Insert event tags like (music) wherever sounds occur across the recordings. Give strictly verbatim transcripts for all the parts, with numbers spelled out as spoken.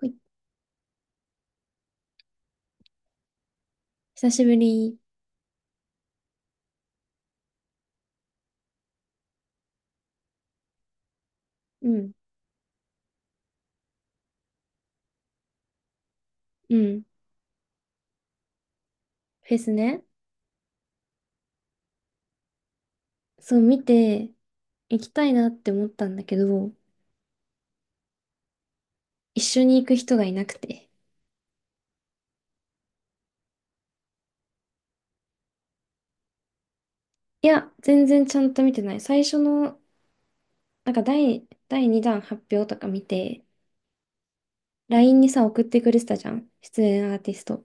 はい、久しぶり。うん、うん。フェスね。そう、見て、行きたいなって思ったんだけど、一緒に行く人がいなくて。いや、全然ちゃんと見てない。最初の、なんか第、だいにだん発表とか見て、ライン にさ、送ってくれてたじゃん。出演アーティスト。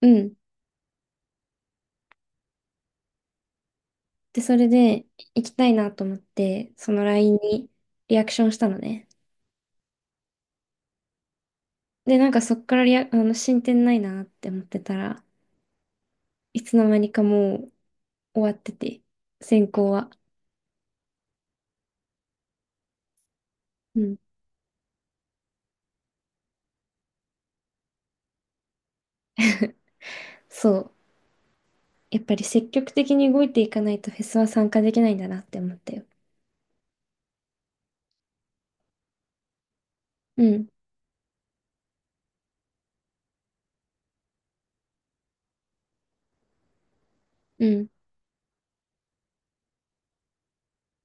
うん。で、それで、行きたいなと思って、その ライン にリアクションしたのね。で、なんかそっからリア、あの、進展ないなって思ってたら、いつの間にかもう終わってて、選考は。うん。(laughs) そう。やっぱり積極的に動いていかないとフェスは参加できないんだなって思ったよ。うん、うん、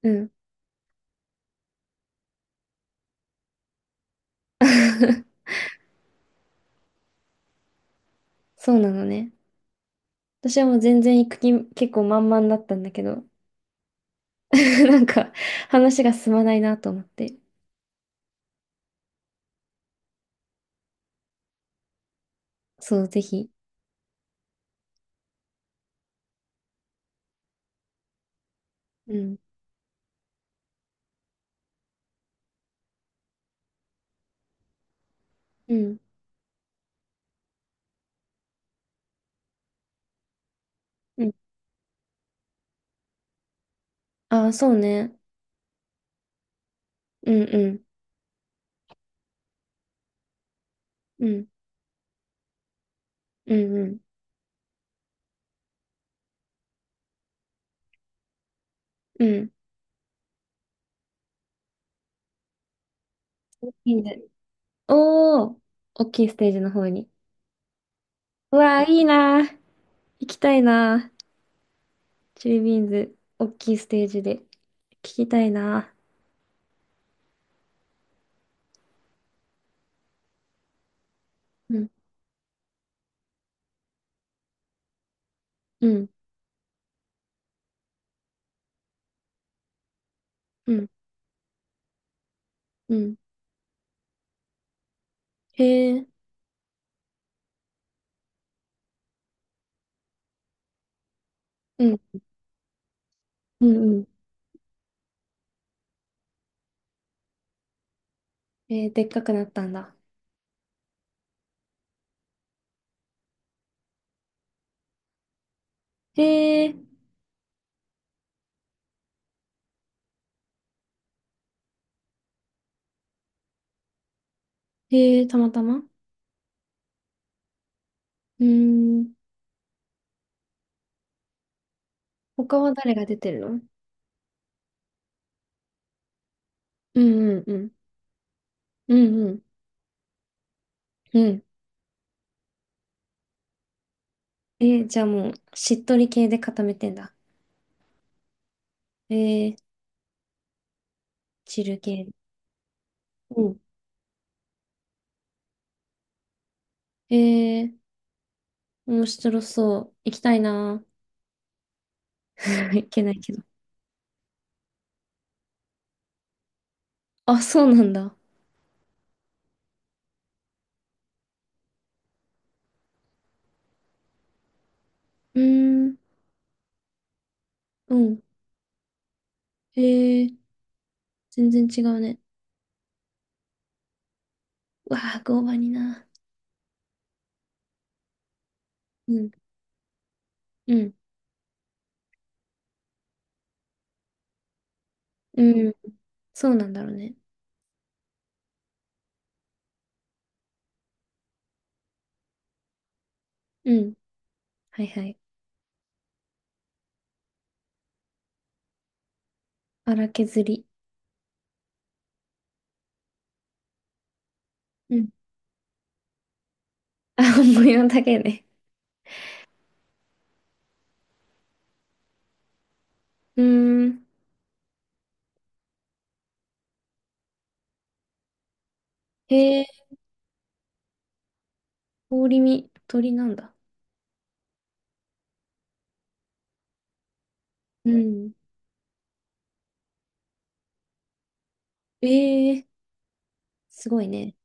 うん。(laughs) そうなのね。私はもう全然行く気結構満々だったんだけど、(laughs) なんか話が進まないなと思って。そう、ぜひ。うん、うん、うん。ああ、そうね。うん、うん、うん、うん、うん、うん。いいね。おー、大きいステージの方に。うわあ、いいなー。行きたいなー。チリビーンズ、大きいステージで。聞きたいな。うん、うん、うん、うん。へえ、うん、うん、うん。えー、でっかくなったんだ。へえ、へえ、たまたまうーん。他は誰が出てるの？うん、うん、うん、うん、うん、うん。えー、じゃあもう、しっとり系で固めてんだ。えー、チル系。うん。えー、面白そう。行きたいな。(laughs) 行けないけど。あ、そうなんだ。うーん、うん。えー、全然違うね。うわあ、合板にな。うん、うん。うん。そうなんだろうね。うん。はいはい。荒削り。うん。(laughs) あ、模様だけね。うーん。へえ、氷見、鳥なんだ。うん。ええ、すごいね。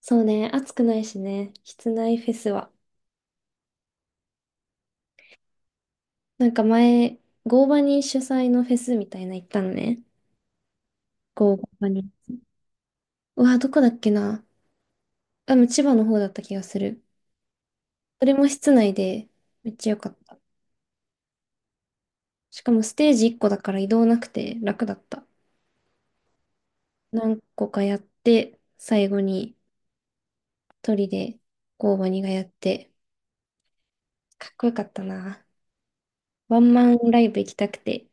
そうね、暑くないしね、室内フェスは。なんか前、合場に主催のフェスみたいな行ったのね。合場に。うわ、どこだっけな。あ、でも千葉の方だった気がする。それも室内で、めっちゃ良かった。しかもステージいっこだから移動なくて楽だった。何個かやって、最後に一人でゴーバニがやって、かっこよかったな。ワンマンライブ行きたくて、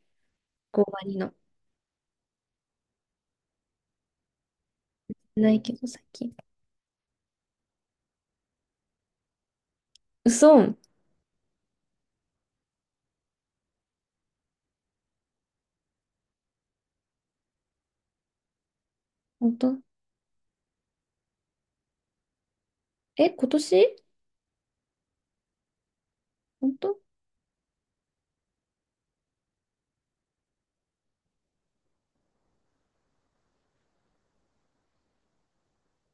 ゴーバニの。ないけど、最近。嘘？本当？え、今年？本当？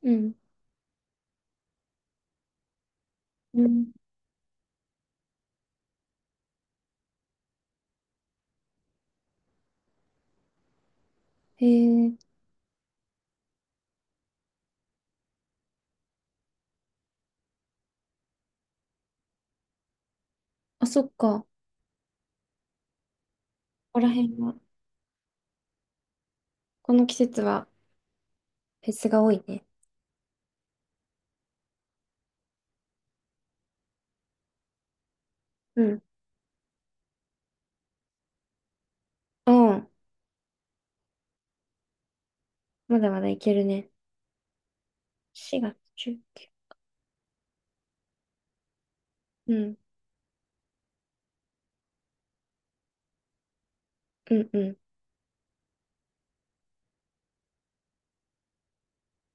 うん。うん。へえ、あ、そっか。ここら辺は、この季節はフェスが多いね。うん。うん。まだまだいけるね。しがつじゅうくにち。うん。うんうん。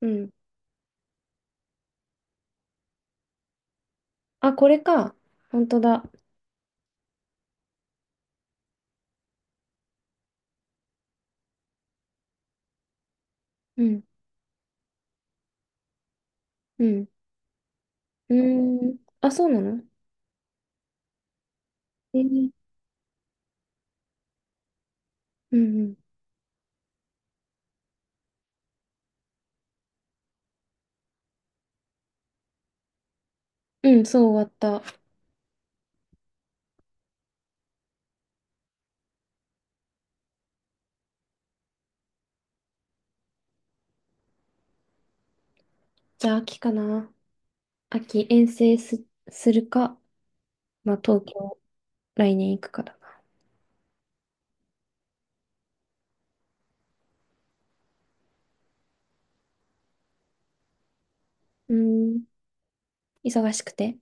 うん。あ、これか。本当だ。うん。うん。うーん。あ、そうなの？えー、うんうん。うん、そう終わった。じゃあ秋かな。秋、遠征す、するか、まあ東京、来年行くかだな。うーん。忙しくて。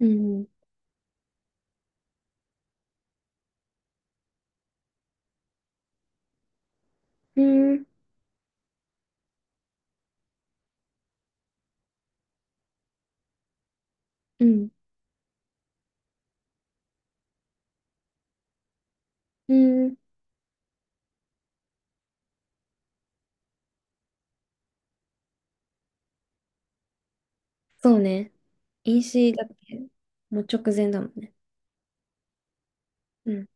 うん。うん。うん。うん。そうね。飲酒だって、もう直前だもんね。うん。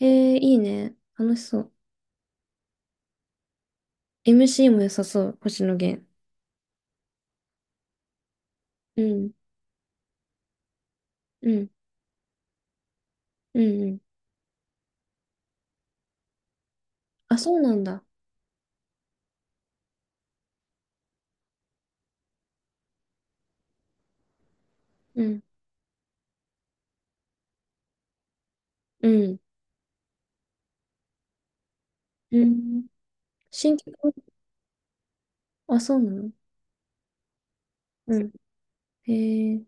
えー、いいね。楽しそう。エムシー も良さそう、星野源。うん。うん。うんうん。あ、そうなんだ。うん。うん。うん。新曲、あ、そうなの？うん、へえ、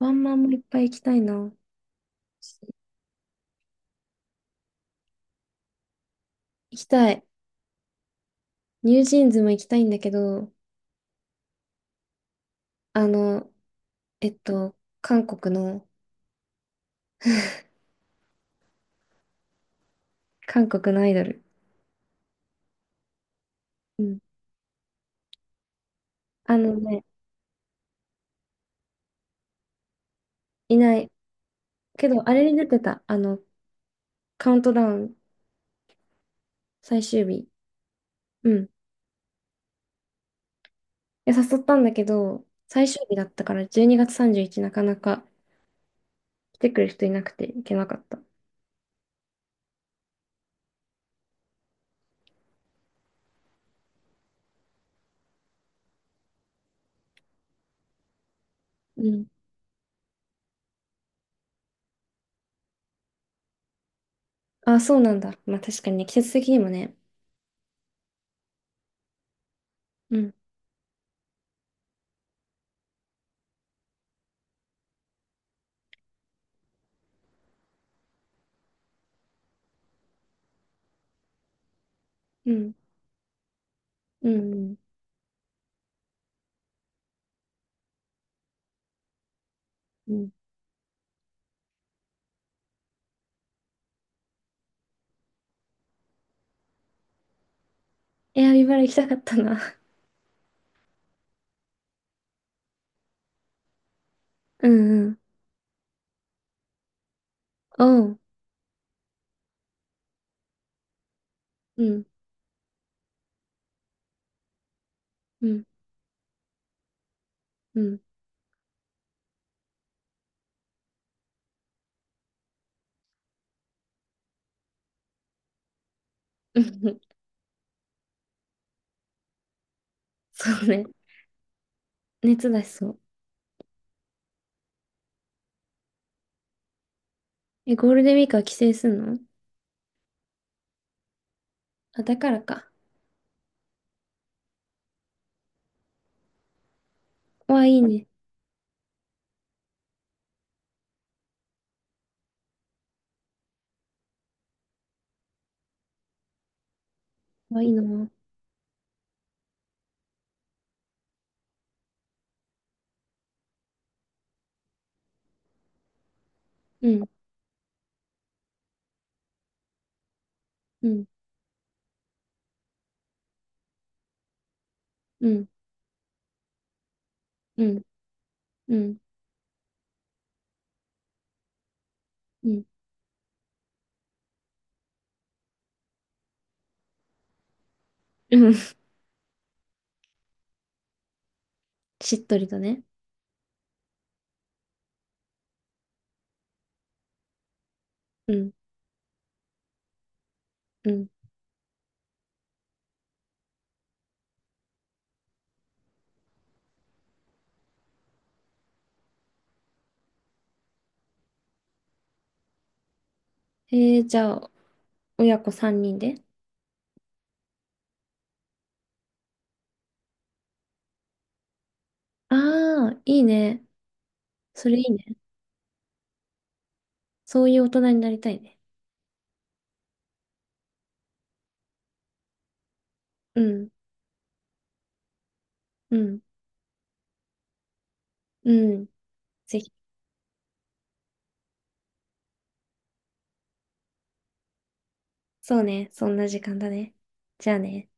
ワンマンもいっぱい行きたいな。行きたい。ニュージーンズも行きたいんだけど、あの、えっと、韓国の、韓国のアイドル。うん。あのね、いない。けど、あれに出てた。あの、カウントダウン、最終日。うん。いや誘ったんだけど、最終日だったから、じゅうにがつさんじゅういちにちなかなか来てくれる人いなくて行けなかった。うん。あ、そうなんだ。まあ確かにね、季節的にもね。うん。うん。うん。うん。うん。エアビバラ行きたかったな。うんうん。おう。うん。うん。うん。うん。 (laughs) そうね。熱出しそう。え、ゴールデンウィークは帰省すんの？あ、だからか。わあ、いいね。わあ、いいな。うん。うん。うん。うん。うん。うん。(laughs) うん。しっとりとね。うん。うん。えー、じゃあ、親子さんにんで。ああ、いいね。それいいね。そういう大人になりたいね。うん。うん。うん。ぜひ。そうね。そんな時間だね。じゃあね。